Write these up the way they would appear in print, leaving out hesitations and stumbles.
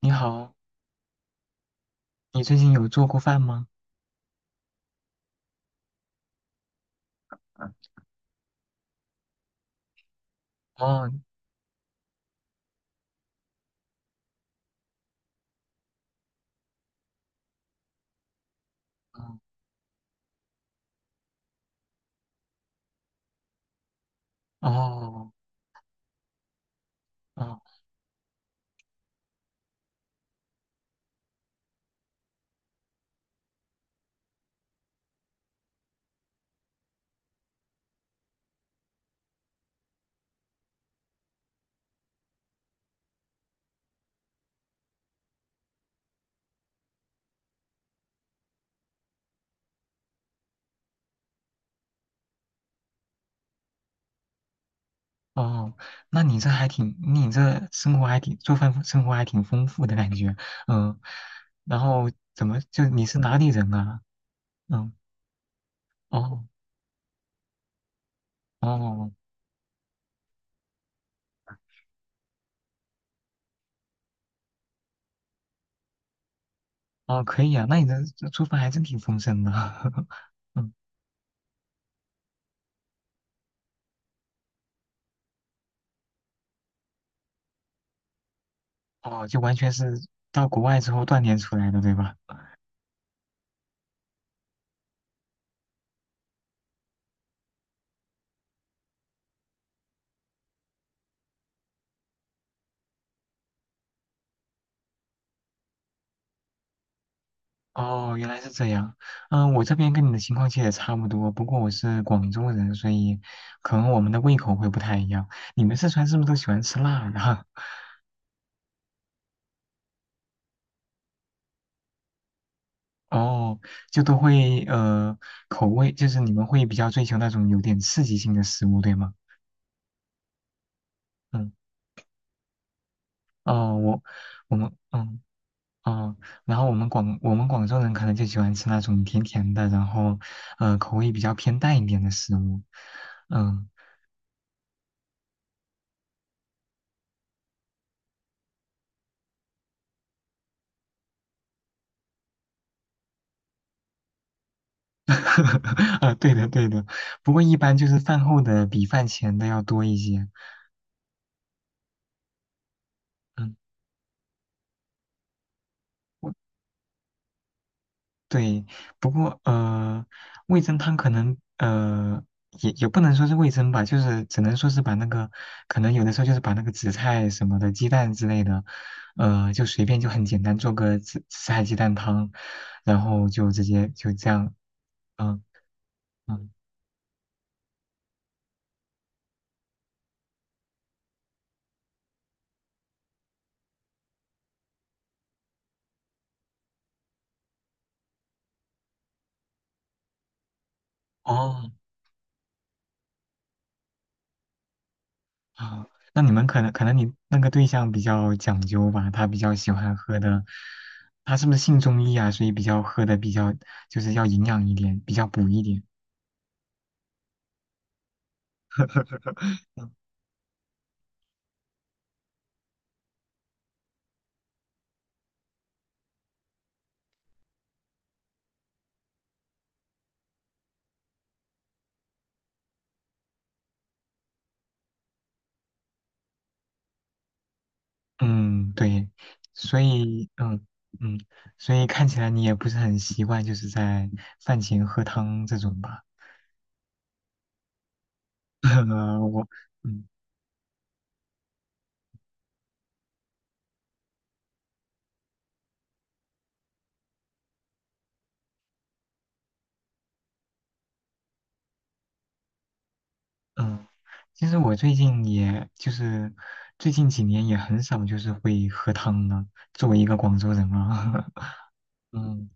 你好，你最近有做过饭吗？嗯。哦。哦。哦。哦。哦。那你这生活还挺，做饭生活还挺丰富的感觉。嗯。然后怎么就你是哪里人啊？嗯。哦。哦。哦。可以啊，那你的做饭还真挺丰盛的。嗯。哦，就完全是到国外之后锻炼出来的，对吧？哦，原来是这样。嗯，我这边跟你的情况其实也差不多，不过我是广州人，所以可能我们的胃口会不太一样。你们四川是不是都喜欢吃辣的？哦，就都会口味，就是你们会比较追求那种有点刺激性的食物，对吗？嗯。哦。我们哦，然后我们广州人可能就喜欢吃那种甜甜的，然后口味比较偏淡一点的食物。嗯。啊，对的对的，不过一般就是饭后的比饭前的要多一些。嗯，我，对。不过味噌汤可能也不能说是味噌吧，就是只能说是把那个可能有的时候就是把那个紫菜什么的、鸡蛋之类的，就随便就很简单做个紫菜鸡蛋汤，然后就直接就这样。嗯嗯。哦啊，那你们可能你那个对象比较讲究吧，他比较喜欢喝的。他是不是信中医啊？所以比较喝的比较就是要营养一点，比较补一点。嗯，对。所以嗯嗯，所以看起来你也不是很习惯，就是在饭前喝汤这种吧？我嗯嗯，其实我最近也就是最近几年也很少就是会喝汤了，作为一个广州人啊。嗯。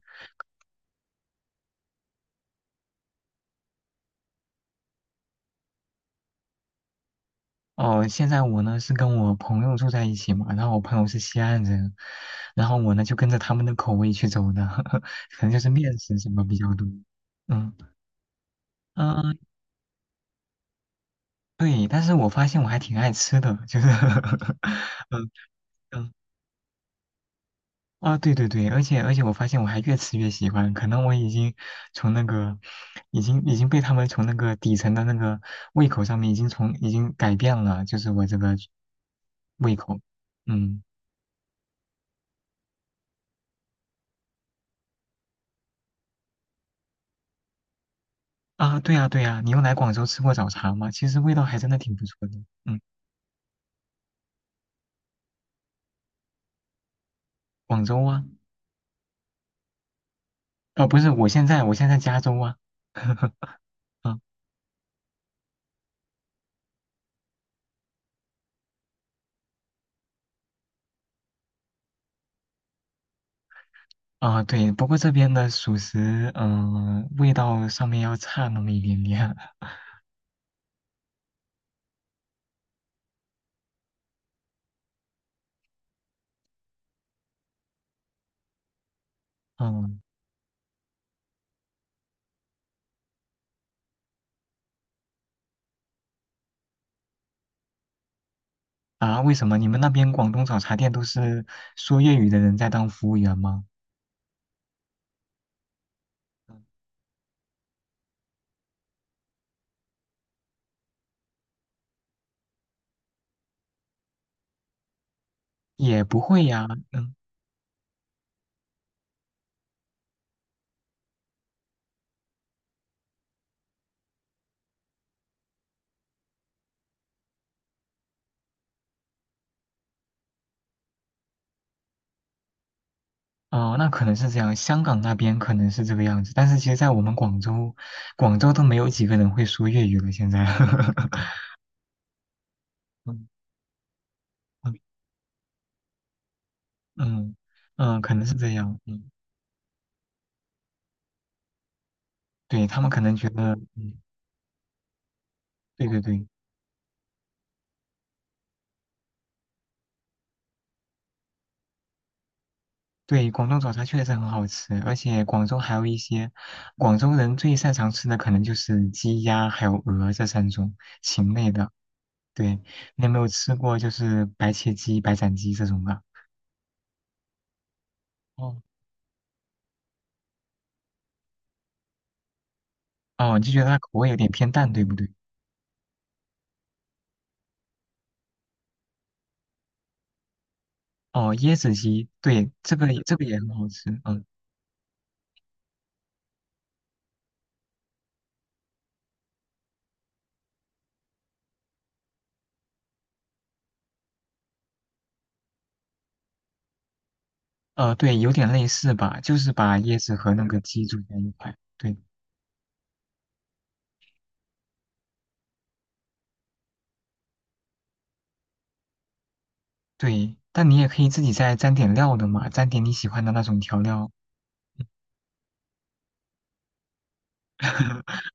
哦，现在我呢是跟我朋友住在一起嘛，然后我朋友是西安人，然后我呢就跟着他们的口味去走的。可能就是面食什么比较多。嗯嗯。对，但是我发现我还挺爱吃的，就是 嗯嗯啊，对对对。而且我发现我还越吃越喜欢，可能我已经从那个已经已经被他们从那个底层的那个胃口上面已经改变了，就是我这个胃口。嗯。啊，对呀，对呀，你有来广州吃过早茶吗？其实味道还真的挺不错的。嗯，广州啊。啊，不是，我现在加州啊。啊啊，对，不过这边的属实，味道上面要差那么一点点。嗯啊，为什么你们那边广东早茶店都是说粤语的人在当服务员吗？也不会呀。嗯。哦，那可能是这样，香港那边可能是这个样子，但是其实，在我们广州，广州都没有几个人会说粤语了，现在。嗯嗯。嗯，可能是这样。嗯，对，他们可能觉得，嗯，对对对对，广东早茶确实很好吃，而且广州还有一些广州人最擅长吃的，可能就是鸡鸭还有鹅这三种禽类的。对，你有没有吃过就是白切鸡、白斩鸡这种的？哦哦，你就觉得它口味有点偏淡，对不对？哦，椰子鸡，对，这个也很好吃。对，有点类似吧，就是把椰子和那个鸡煮在一块。对。对，但你也可以自己再沾点料的嘛，沾点你喜欢的那种调料。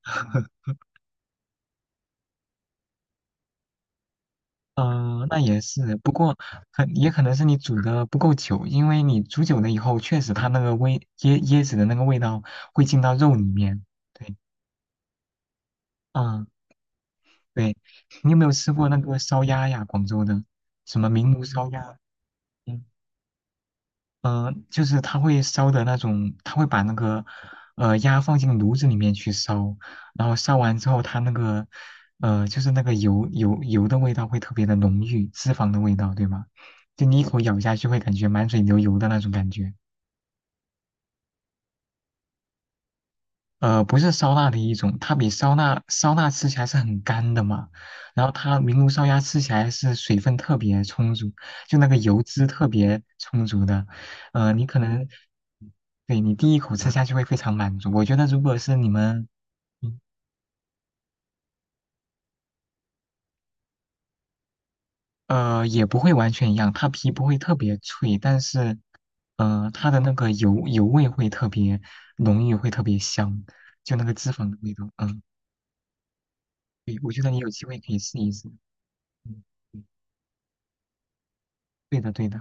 嗯，那也是，不过也可能是你煮的不够久，因为你煮久了以后，确实它那个椰子的那个味道会进到肉里面。对。嗯，对，你有没有吃过那个烧鸭呀？广州的什么名炉烧鸭？嗯嗯，就是它会烧的那种，它会把那个鸭放进炉子里面去烧，然后烧完之后，它那个就是那个油的味道会特别的浓郁，脂肪的味道，对吗？就你一口咬下去会感觉满嘴流油的那种感觉。不是烧腊的一种，它比烧腊吃起来是很干的嘛，然后它明炉烧鸭吃起来是水分特别充足，就那个油脂特别充足的。你可能对你第一口吃下去会非常满足。我觉得如果是你们，嗯也不会完全一样，它皮不会特别脆，但是，它的那个油味会特别浓郁，会特别香，就那个脂肪的味道。嗯，对，我觉得你有机会可以试一试。嗯，对的，对的。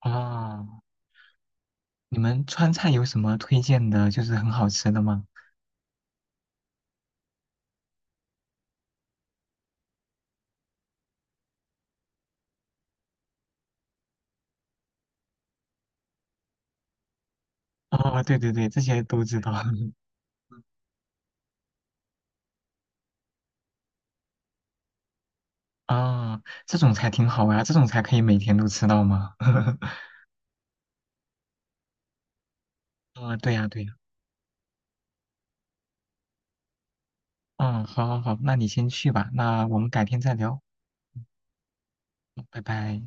啊，你们川菜有什么推荐的，就是很好吃的吗？哦，对对对，这些都知道。啊，这种才挺好呀，这种才可以每天都吃到吗？啊，对呀对呀。嗯，好好好，那你先去吧，那我们改天再聊。好拜拜。